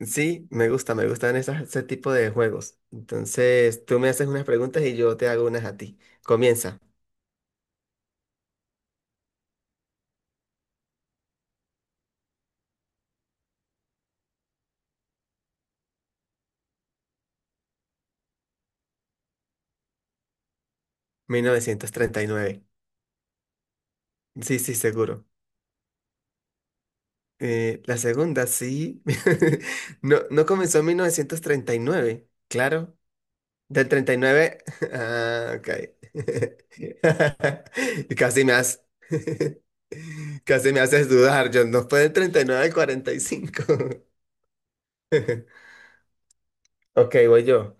Sí, me gusta, me gustan ese tipo de juegos. Entonces, tú me haces unas preguntas y yo te hago unas a ti. Comienza. 1939. Sí, sí, seguro. La segunda, sí. No, no comenzó en 1939, claro. Del 39. Ah, ok. Casi me has... Casi me haces dudar, John. No fue del 39 al 45. Ok, voy yo.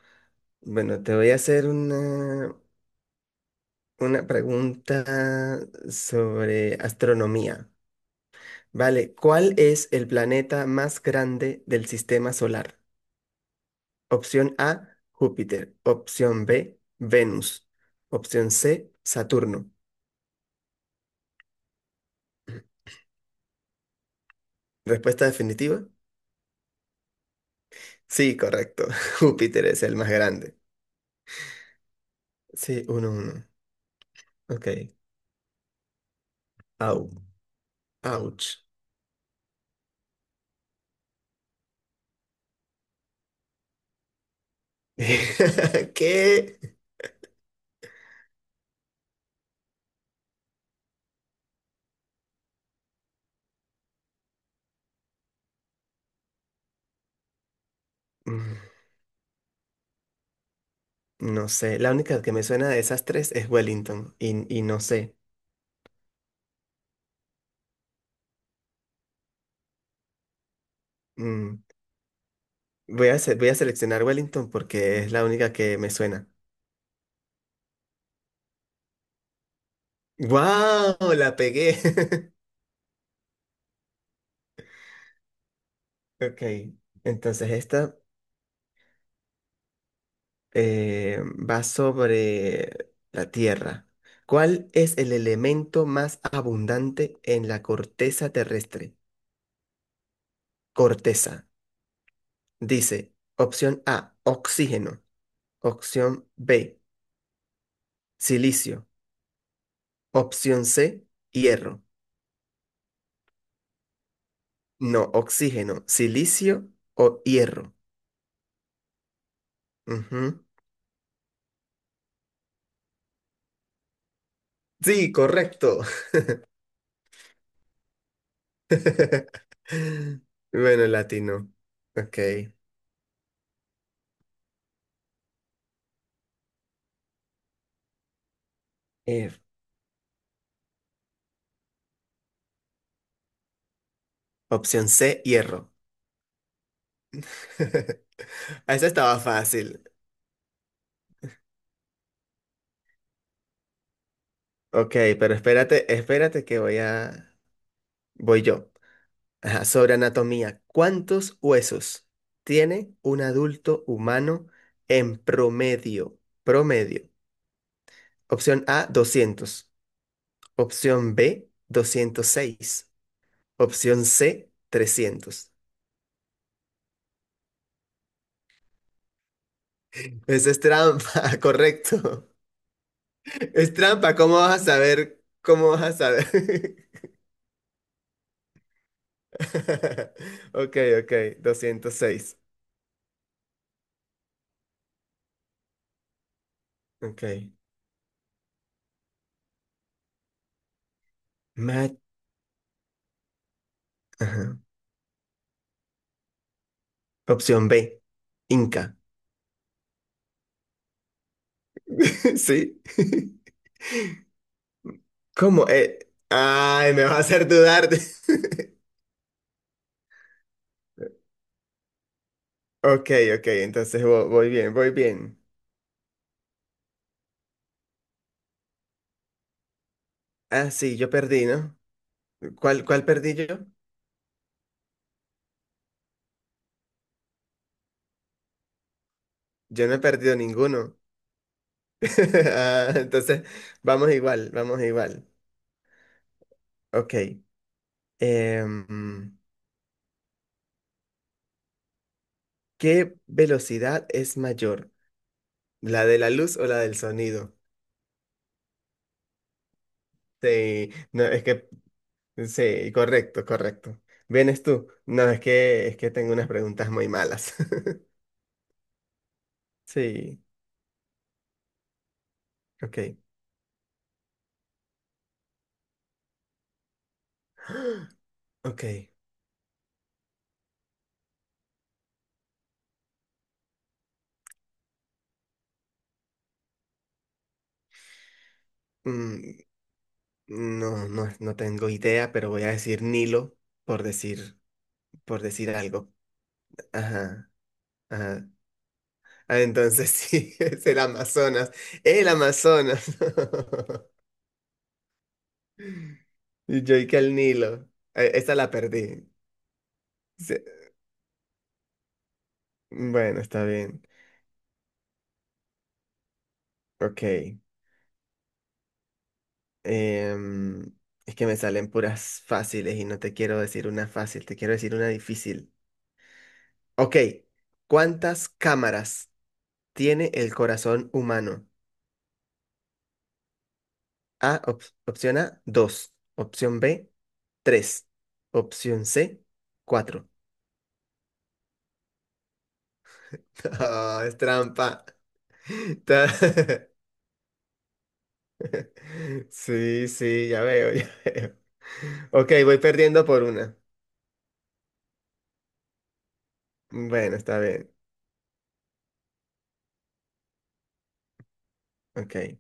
Bueno, te voy a hacer una. Una pregunta sobre astronomía. Vale, ¿cuál es el planeta más grande del sistema solar? Opción A, Júpiter. Opción B, Venus. Opción C, Saturno. ¿Respuesta definitiva? Sí, correcto. Júpiter es el más grande. Sí, uno, uno. Ok. Au. Ouch. ¿Qué? Mm, No sé. La única que me suena de esas tres es Wellington. Y no sé. Mm, voy a seleccionar Wellington porque es la única que me suena. ¡Wow! La pegué. Ok, entonces esta eh, va sobre la Tierra. ¿Cuál es el elemento más abundante en la corteza terrestre? Corteza. Dice, opción A, oxígeno. Opción B, silicio. Opción C, hierro. No, oxígeno, silicio o hierro. Ujú. Sí, correcto. Bueno, latino. Ok. Opción C, hierro. Esa estaba fácil. Ok, pero espérate, espérate que voy a... Voy yo. Ajá, sobre anatomía. ¿Cuántos huesos tiene un adulto humano en promedio? Promedio. Opción A, 200. Opción B, 206. Opción C, 300. Esa es trampa, correcto. Es trampa, ¿cómo vas a saber? ¿Cómo vas a saber? Ok, ok, 206. Ok. Mat- ajá. Opción B, Inca. ¿Sí? ¿Cómo? Ay, me vas a hacer dudar. Ok, ok, entonces voy bien. Ah, sí, yo perdí, ¿no? ¿Cuál perdí yo? Yo no he perdido ninguno. Ah, entonces, vamos igual, vamos igual. Ok. em, ¿Qué velocidad es mayor? ¿La de la luz o la del sonido? Sí, no, es que, sí, correcto, correcto. ¿Vienes tú? No, es que tengo unas preguntas muy malas. Sí, ok. Ok. mm, no, no, no tengo idea, pero voy a decir Nilo por decir, por decir algo. Ajá, ajá. Ah, entonces sí, es el Amazonas. El Amazonas. Y yo y que el Nilo. Esta la perdí. Se- Bueno, está bien. Ok. Em, es que me salen puras fáciles y no te quiero decir una fácil, te quiero decir una difícil. Ok. ¿Cuántas cámaras tiene el corazón humano? Opción A, dos. Opción B, tres. Opción C, 4. Es trampa. Ta- Sí, sí, ya veo, ya veo. Ok, voy perdiendo por una. Bueno, está bien. Ok.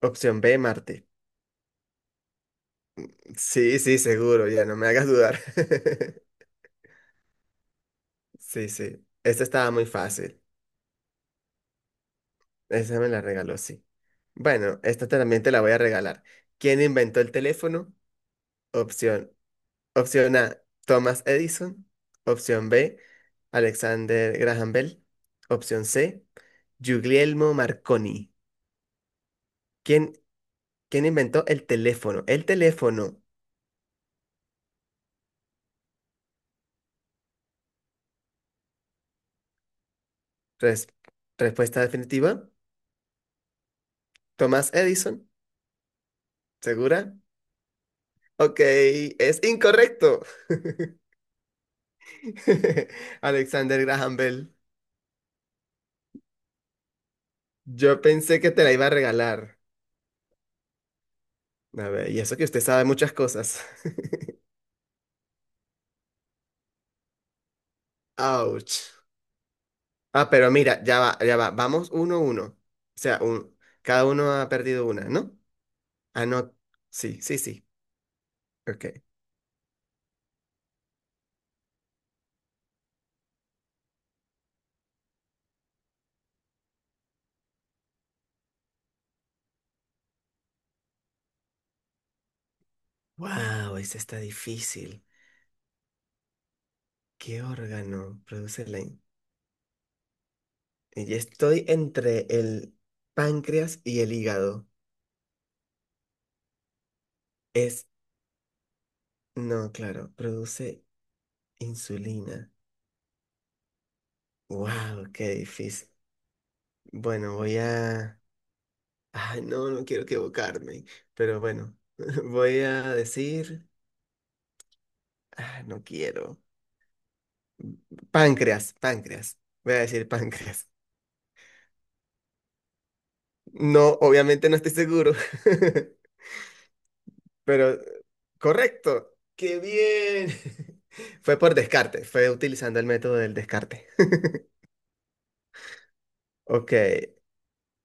Opción B, Marte. Sí, sí, seguro, ya no me hagas dudar. Sí, sí. Esta estaba muy fácil. Esa me la regaló, sí. Bueno, esta también te la voy a regalar. ¿Quién inventó el teléfono? Opción. Opción A, Thomas Edison. Opción B, Alexander Graham Bell. Opción C, Guglielmo Marconi. ¿Quién ¿Quién inventó el teléfono? El teléfono. Res- Respuesta definitiva. Thomas Edison. ¿Segura? Ok, es incorrecto. Alexander Graham Bell. Yo pensé que te la iba a regalar. A ver, y eso que usted sabe muchas cosas. Ouch. Ah, pero mira, ya va, ya va. Vamos uno a uno. O sea, cada uno ha perdido una, ¿no? Ah, no. Sí, sí, sí. Ok. Wow, esa está difícil. ¿Qué órgano produce la? Y estoy entre el páncreas y el hígado. Es, no, claro, produce insulina. Wow, qué difícil. Bueno, voy a... Ay, no, no quiero equivocarme, pero bueno, voy a decir... Ah, no quiero. Páncreas, páncreas. Voy a decir páncreas. No, obviamente no estoy seguro, pero correcto. ¡Qué bien! Fue por descarte, fue utilizando el método del descarte. Ok,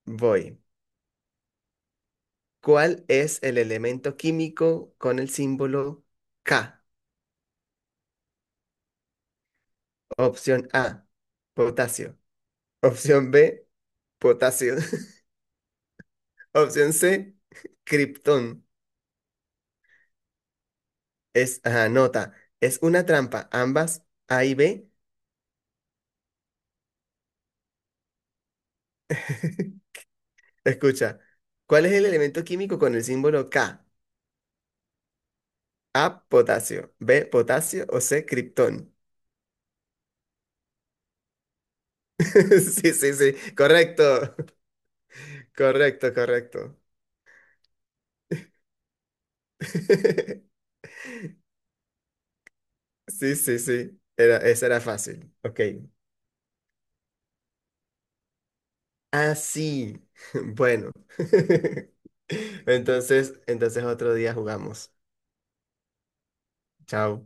voy. ¿Cuál es el elemento químico con el símbolo K? Opción A, potasio. Opción B, potasio. Opción C, criptón. Es, ajá, nota, es una trampa. Ambas, A y B. Escucha, ¿cuál es el elemento químico con el símbolo K? A, potasio. B, potasio o C, criptón. Sí, sí, sí. Correcto. Correcto, correcto. Sí, sí, sí. Esa era fácil. Ok. Ah, sí. Bueno. Entonces, otro día jugamos. Chao.